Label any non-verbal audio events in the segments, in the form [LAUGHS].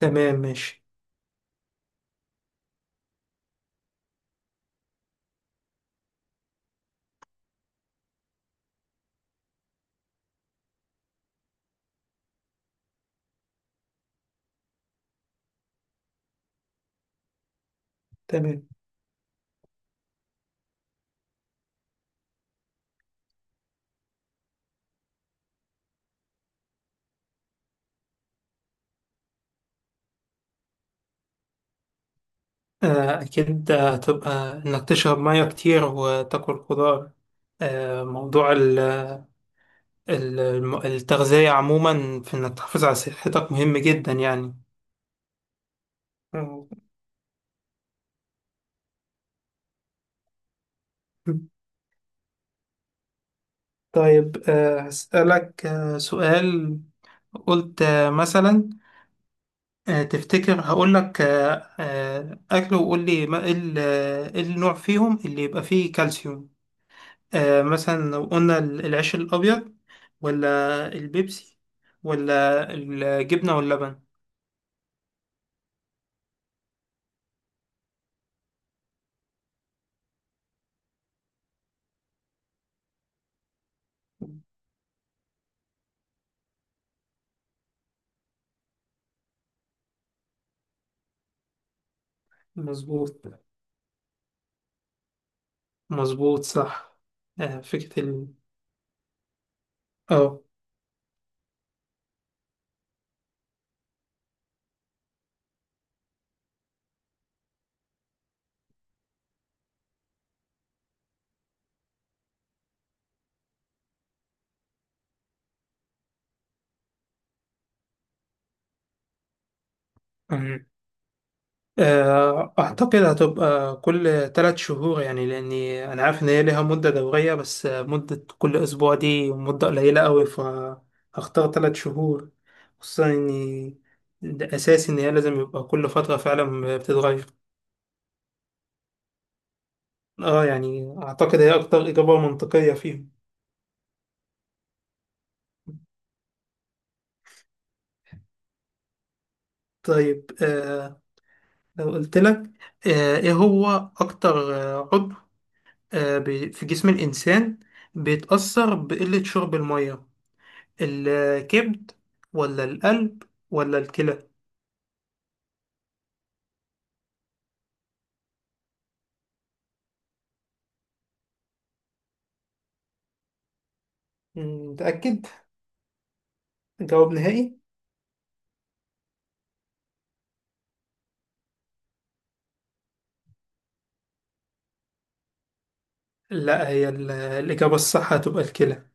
تمام ماشي. تمام، أكيد هتبقى إنك تشرب مية كتير وتاكل خضار. موضوع التغذية عموما في إنك تحافظ على صحتك مهم جدا يعني. [LAUGHS] آه. طيب، هسألك سؤال. قلت مثلا تفتكر هقول لك أكل وقول لي إيه إيه النوع فيهم اللي يبقى فيه كالسيوم؟ آه مثلا لو قلنا العيش الأبيض، ولا البيبسي، ولا الجبنة واللبن؟ مظبوط. مظبوط صح. آه، فكرة ال، اه، أمم. آه، أعتقد هتبقى كل ثلاث شهور، يعني لأني أنا عارف إن هي ليها مدة دورية، بس مدة كل أسبوع دي مدة قليلة أوي، فهختار ثلاث شهور، خصوصا إني ده أساسي، إن هي لازم يبقى كل فترة فعلا بتتغير. اه يعني اعتقد هي اكتر اجابة منطقية فيهم. طيب آه، لو قلت لك آه، ايه هو اكتر عضو في جسم الانسان بيتأثر بقلة شرب المية؟ الكبد، ولا القلب، ولا الكلى؟ مم، متأكد، جواب نهائي. لا، هي الإجابة الصح هتبقى الكلى.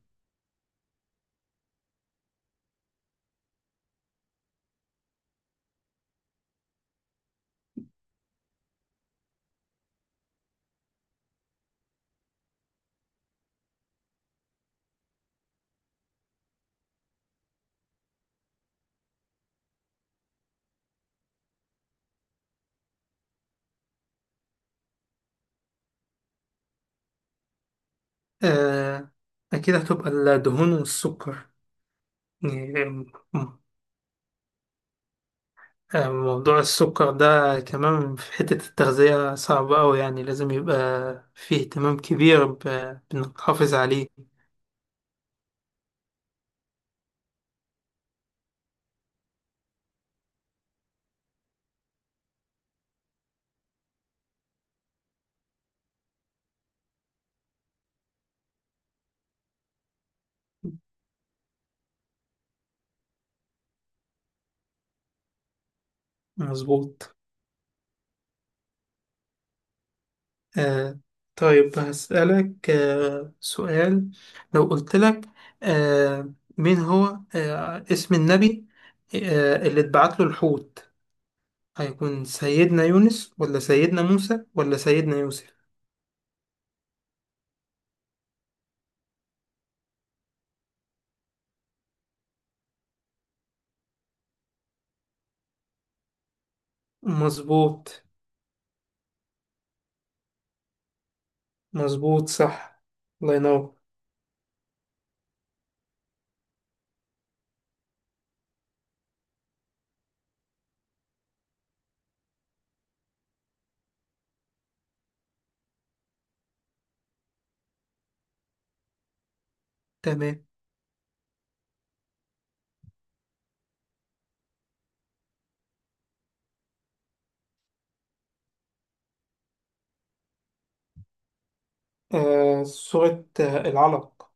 آه، أكيد هتبقى الدهون والسكر يعني. موضوع السكر ده كمان في حتة التغذية صعب أوي، يعني لازم يبقى فيه اهتمام كبير بإنك تحافظ عليه. مظبوط. آه، طيب هسألك آه سؤال. لو قلت لك آه، مين هو اسم النبي اللي اتبعت له الحوت؟ هيكون سيدنا يونس، ولا سيدنا موسى، ولا سيدنا يوسف؟ مظبوط. مظبوط صح. الله ينور. تمام. آه، سورة آه العلق.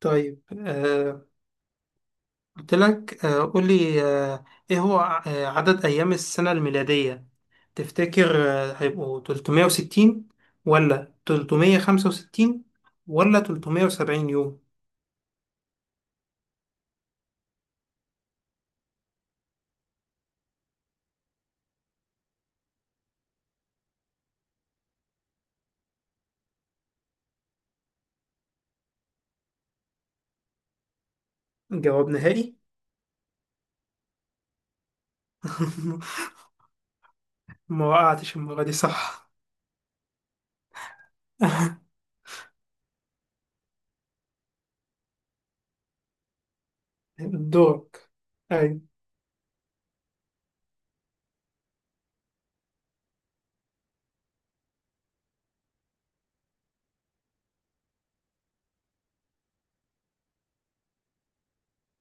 طيب آه، قلت لك آه قولي آه، إيه هو عدد أيام السنة الميلادية؟ تفتكر آه هيبقوا 360، ولا 365، ولا 370 يوم؟ جواب نهائي. [LAUGHS] ما وقعتش المرة دي، صح. [LAUGHS] دورك. أيوة.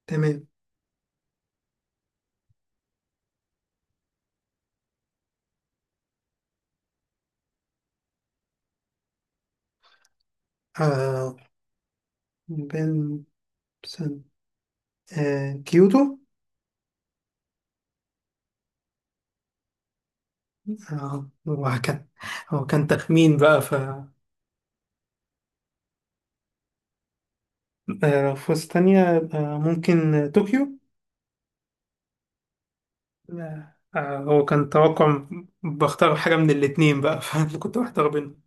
تمام. آه، بن، سن، آه كيوتو. آه، هو كان، هو كان تخمين بقى، ف آه، لو فرصة تانية يبقى ممكن طوكيو. هو كان توقع، بختار حاجة من الاتنين بقى. [LAUGHS] فأنا كنت بختار بينهم.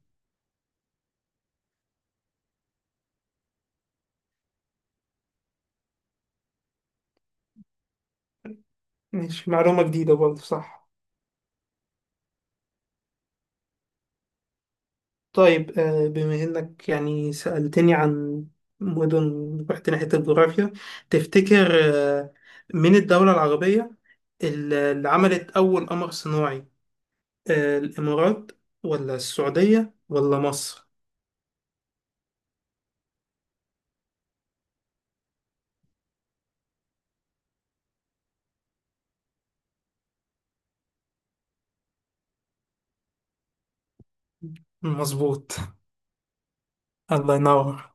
ماشي، معلومة جديدة برضه، صح. طيب آه، بما إنك يعني سألتني عن مدن، رحت ناحية الجغرافيا. تفتكر آه، من الدولة العربية اللي عملت أول قمر صناعي، آه، الإمارات، ولا السعودية، ولا مصر؟ مظبوط. [LAUGHS] الله ينور.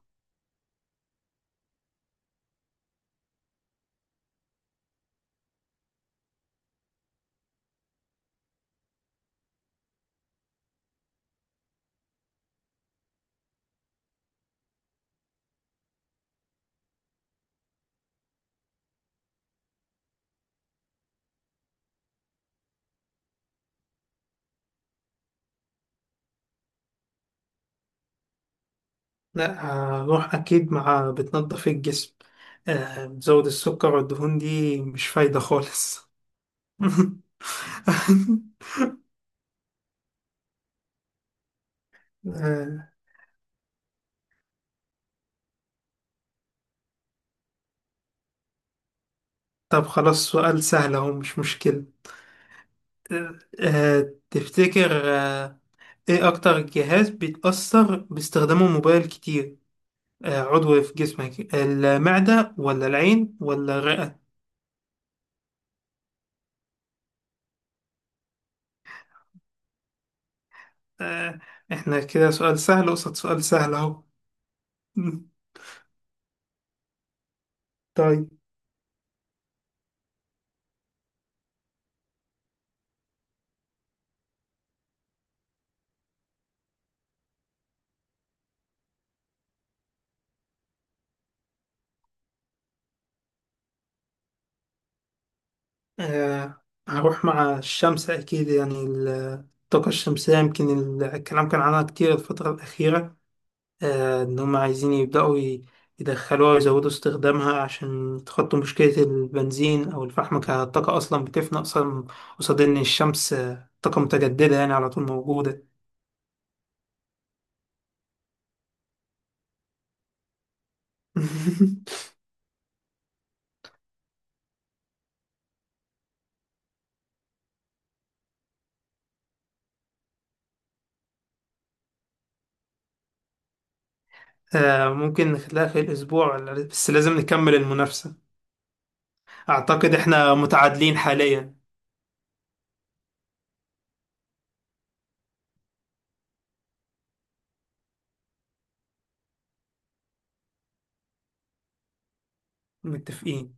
لا، هروح أكيد مع بتنضف الجسم. آه، بتزود السكر والدهون دي مش فايدة خالص. [LAUGHS] آه، طب خلاص سؤال سهل أهو، مش مشكلة. آه، تفتكر آه، إيه أكتر جهاز بيتأثر باستخدامه الموبايل كتير؟ آه، عضو في جسمك، المعدة ولا العين ولا الرئة؟ آه، إحنا كده سؤال سهل قصاد سؤال سهل أهو. [LAUGHS] طيب آه، هروح مع الشمس أكيد. يعني الطاقة الشمسية يمكن الكلام كان عنها كتير الفترة الأخيرة. آه، إن هم عايزين يبدأوا يدخلوها ويزودوا استخدامها عشان يتخطوا مشكلة البنزين أو الفحم، كطاقة أصلا بتفنى أصلا، قصاد إن الشمس آه، طاقة متجددة يعني على طول موجودة. [LAUGHS] آه، ممكن نخليها في الأسبوع، بس لازم نكمل المنافسة. أعتقد إحنا متعادلين حاليا. متفقين.